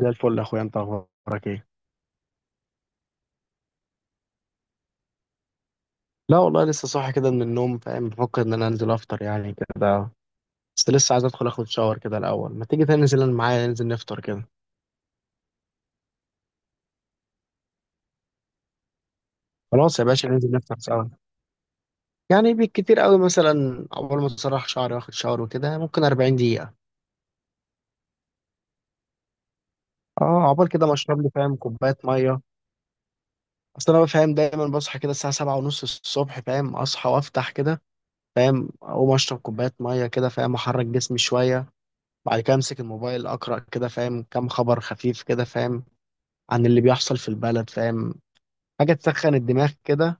زي الفل يا اخويا، انت اخبارك ايه؟ لا والله لسه صاحي كده من النوم، فاهم، بفكر ان انا انزل افطر يعني كده. بس لسه عايز ادخل اخد شاور كده الاول، ما تيجي تاني ننزل معايا، ننزل نفطر كده. خلاص يا باشا، ننزل نفطر سوا. يعني بالكتير قوي مثلا اول ما اسرح شعري واخد شاور وكده ممكن 40 دقيقة. اه عقبال كده ما اشرب لي، فاهم، كوباية مية. اصل انا، فاهم، دايما بصحى كده الساعة سبعة ونص الصبح، فاهم، اصحى وافتح كده، فاهم، اقوم اشرب كوباية مية كده، فاهم، احرك جسمي شوية. بعد كده امسك الموبايل اقرا كده، فاهم، كام خبر خفيف كده، فاهم، عن اللي بيحصل في البلد، فاهم، حاجه تسخن الدماغ كده.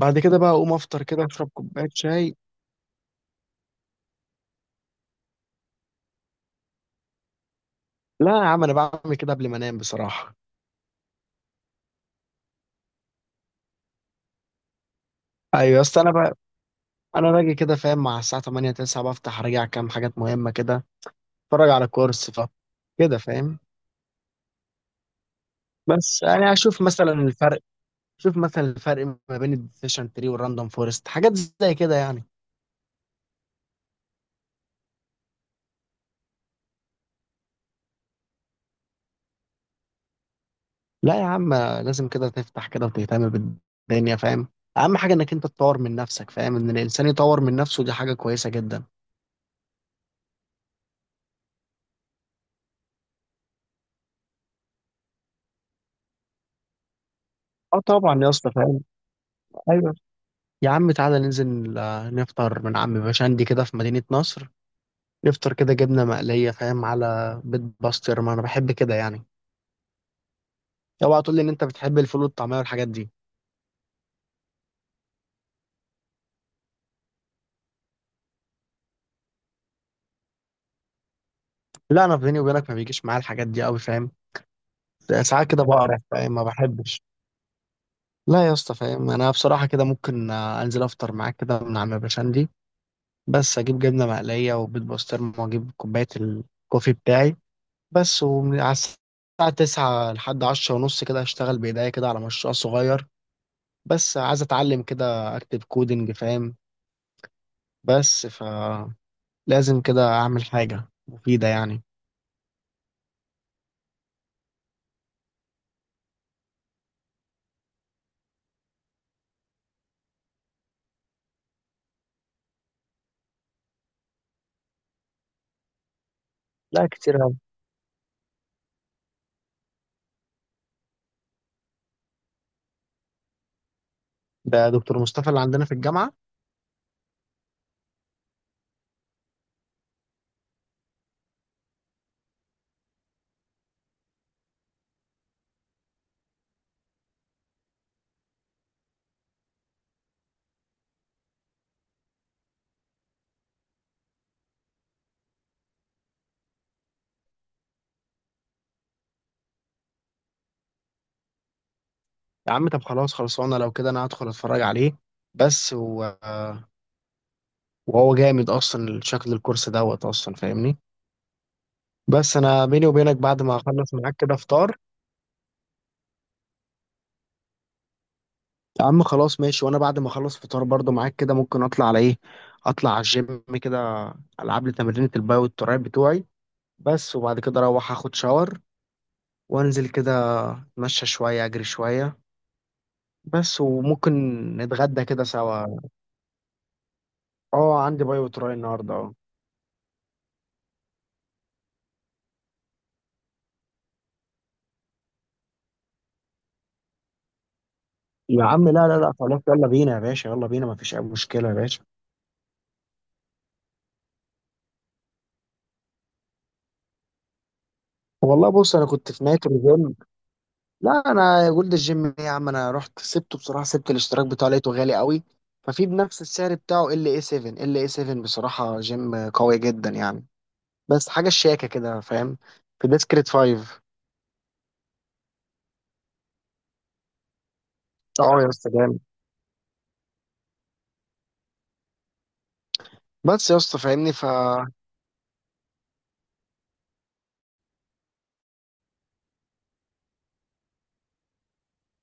بعد كده بقى اقوم افطر كده اشرب كوبايه شاي. لا يا عم، انا بعمل كده قبل ما انام بصراحه. ايوه اصل انا بقى انا باجي كده، فاهم، مع الساعه 8 9 بفتح راجع كام حاجات مهمه كده، اتفرج على كورس كده، فاهم. بس يعني اشوف مثلا الفرق شوف مثلا الفرق ما بين الديسيشن تري والراندوم فورست، حاجات زي كده يعني. لا يا عم، لازم كده تفتح كده وتهتم بالدنيا، فاهم. اهم حاجه انك انت تطور من نفسك، فاهم ان الانسان يطور من نفسه دي حاجه كويسه جدا. اه طبعا يا اسطى فاهم. ايوه يا عم، تعالى ننزل نفطر من عم باشندي كده في مدينه نصر. نفطر كده جبنه مقليه، فاهم، على بيض باسترما، انا بحب كده يعني. اوعى تقول لي ان انت بتحب الفول والطعميه والحاجات دي. لا انا بيني وبينك ما بيجيش معايا الحاجات دي قوي، فاهم. ساعات كده بقرف، فاهم، ما بحبش. لا يا اسطى، فاهم، انا بصراحه كده ممكن انزل افطر معاك كده من عم باشندي. بس اجيب جبنه مقليه وبيض بسطرمه واجيب كوبايه الكوفي بتاعي بس. وعلى الساعه 9 لحد 10 ونص كده هشتغل بايديا كده على مشروع صغير، بس عايز اتعلم كده اكتب كودنج، فاهم. فلازم كده اعمل حاجه مفيده يعني. لا كتير أوي. ده دكتور مصطفى اللي عندنا في الجامعه؟ يا عم طب خلاص خلصانه، لو كده انا هدخل اتفرج عليه. بس و... وهو جامد اصلا شكل الكورس دوت، اصلا فاهمني. بس انا بيني وبينك بعد ما اخلص معاك كده فطار. يا عم خلاص ماشي، وانا بعد ما اخلص فطار برضو معاك كده ممكن اطلع على ايه، اطلع على الجيم كده، العب لي تمرينة الباي والتراي بتوعي بس. وبعد كده اروح اخد شاور وانزل كده، اتمشى شوية اجري شوية. بس وممكن نتغدى كده سوا. اه عندي باي وتراي النهارده اه. يا عم لا خلاص، يلا بينا يا باشا، يلا بينا، مفيش اي مشكلة يا باشا. والله بص انا كنت في نهاية اليوم. لا انا جولد الجيم إيه يا عم، انا رحت سبته بصراحه، سبت الاشتراك بتاعه، لقيته غالي قوي. ففي بنفس السعر بتاعه ال اي 7، بصراحه جيم قوي جدا يعني، بس حاجه شياكه كده فاهم. في ديسكريت 5. اه يا اسطى جامد. بس يا اسطى فاهمني ف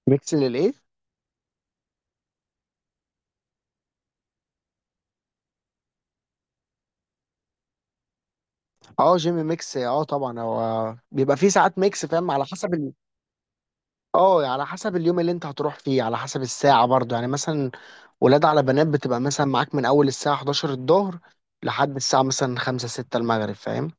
ميكس للايه؟ اه جيم ميكس، اه طبعا، هو بيبقى فيه ساعات ميكس، فاهم، على حسب اه على حسب اليوم اللي انت هتروح فيه، على حسب الساعه برضه، يعني مثلا ولاد على بنات بتبقى مثلا معاك من اول الساعه 11 الظهر لحد الساعه مثلا 5 6 المغرب، فاهم.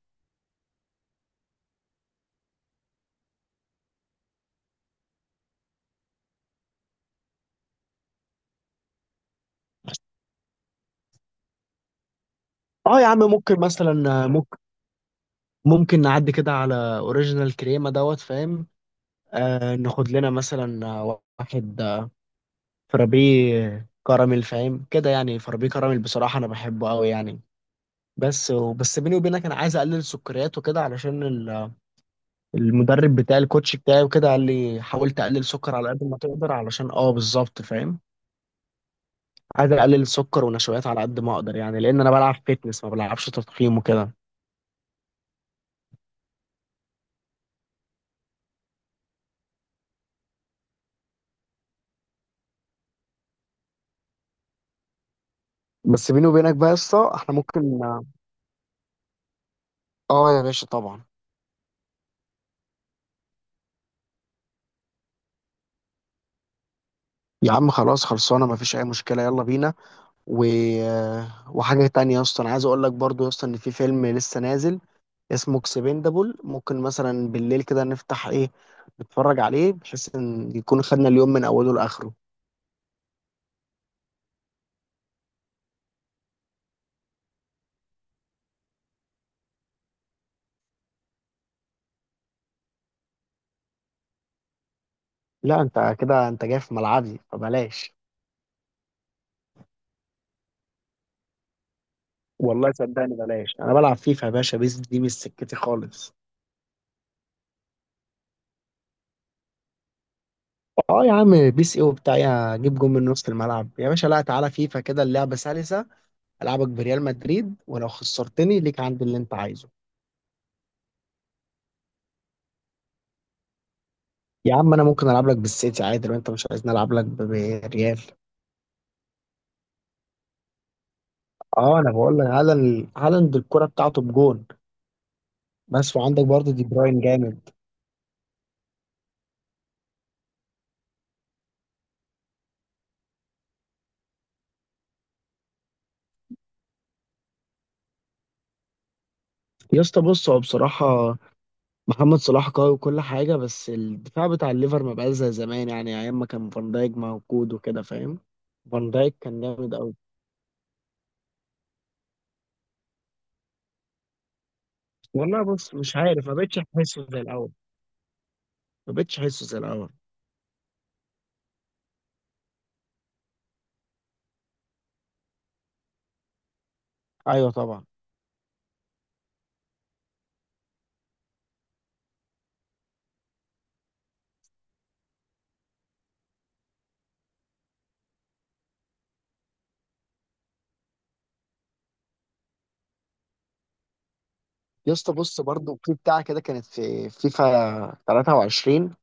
اه يا عم ممكن مثلا ممكن نعدي كده على اوريجينال كريمه دوت، فاهم. آه ناخد لنا مثلا واحد فرابيه كراميل، فاهم كده، يعني فرابيه كراميل بصراحه انا بحبه قوي يعني. بس بيني وبينك انا عايز اقلل السكريات وكده علشان المدرب بتاعي، الكوتش بتاعي، وكده قال لي حاول تقلل سكر على قد ما تقدر، علشان اه بالظبط فاهم. عايز اقلل السكر ونشويات على قد ما اقدر يعني، لان انا بلعب فيتنس ما بلعبش تضخيم وكده. بس بيني وبينك بقى يا اسطى احنا ممكن اه. آه يا باشا طبعا. يا عم خلاص خلصانه، ما فيش اي مشكله، يلا بينا. و... آه، وحاجه تانية يا اسطى، انا عايز اقول لك برضو يا اسطى ان في فيلم لسه نازل اسمه اكسبندابل، ممكن مثلا بالليل كده نفتح ايه، نتفرج عليه، بحيث ان يكون خدنا اليوم من اوله لاخره. لا انت كده انت جاي في ملعبي فبلاش. والله صدقني بلاش، انا بلعب فيفا يا باشا، بيس دي مش سكتي خالص. اه يا عم بيس ايه وبتاع، يا جيب جون من نص الملعب يا باشا. لا تعالى فيفا كده، اللعبه سلسه، العبك بريال مدريد، ولو خسرتني ليك عندي اللي انت عايزه. يا عم انا ممكن العب لك بالسيتي عادي لو انت مش عايزني العب لك بريال. اه انا بقول لك هالاند، الكره بتاعته بجون، بس وعندك برضه دي بروين جامد. يا اسطى بص هو بصراحه محمد صلاح قوي وكل حاجه، بس الدفاع بتاع الليفر ما بقاش زي زمان، يعني ايام ما كان فان دايك موجود وكده، فاهم. فان دايك كان جامد. والله بص مش عارف، ما بقتش احسه زي الاول ما بقتش احسه زي الاول ايوه طبعا. يا اسطى بص برضه في بتاعه كده كانت في فيفا 23،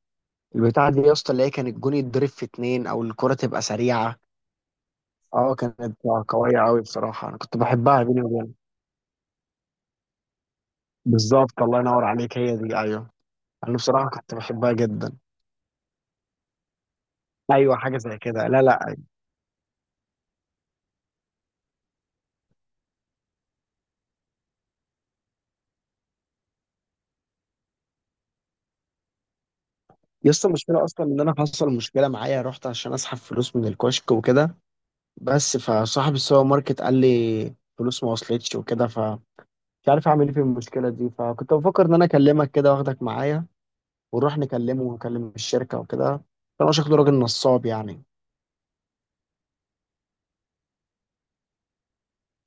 البتاعه دي يا اسطى اللي هي كان الجون يتضرب في اتنين او الكره تبقى سريعه. اه كانت قويه قوي بصراحه، انا كنت بحبها بيني وبين. بالظبط، الله ينور عليك، هي دي ايوه. انا بصراحه كنت بحبها جدا. ايوه حاجه زي كده، لا. يا اسطى المشكله اصلا ان انا حصل مشكله معايا، رحت عشان اسحب فلوس من الكشك وكده، بس فصاحب السوبر ماركت قال لي فلوس ما وصلتش وكده، فمش عارف اعمل ايه في المشكله دي. فكنت بفكر ان انا اكلمك كده واخدك معايا، ونروح نكلمه ونكلم الشركه وكده، فانا شكله راجل نصاب يعني.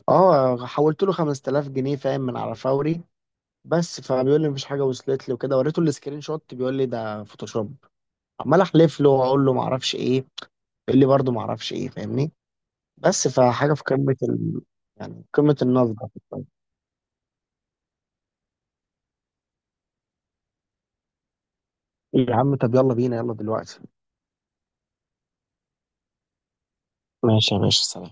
اه حولت له 5000 جنيه، فاهم، من على فوري. بس فبيقول لي مفيش حاجه وصلت لي وكده، وريته السكرين شوت بيقول لي ده فوتوشوب. عمال احلف له واقول له ما اعرفش ايه، بيقول لي برضه ما اعرفش ايه، فاهمني. بس فحاجه في قمه يعني قمه النصب. يا عم طب يلا بينا، يلا دلوقتي. ماشي يا باشا، سلام.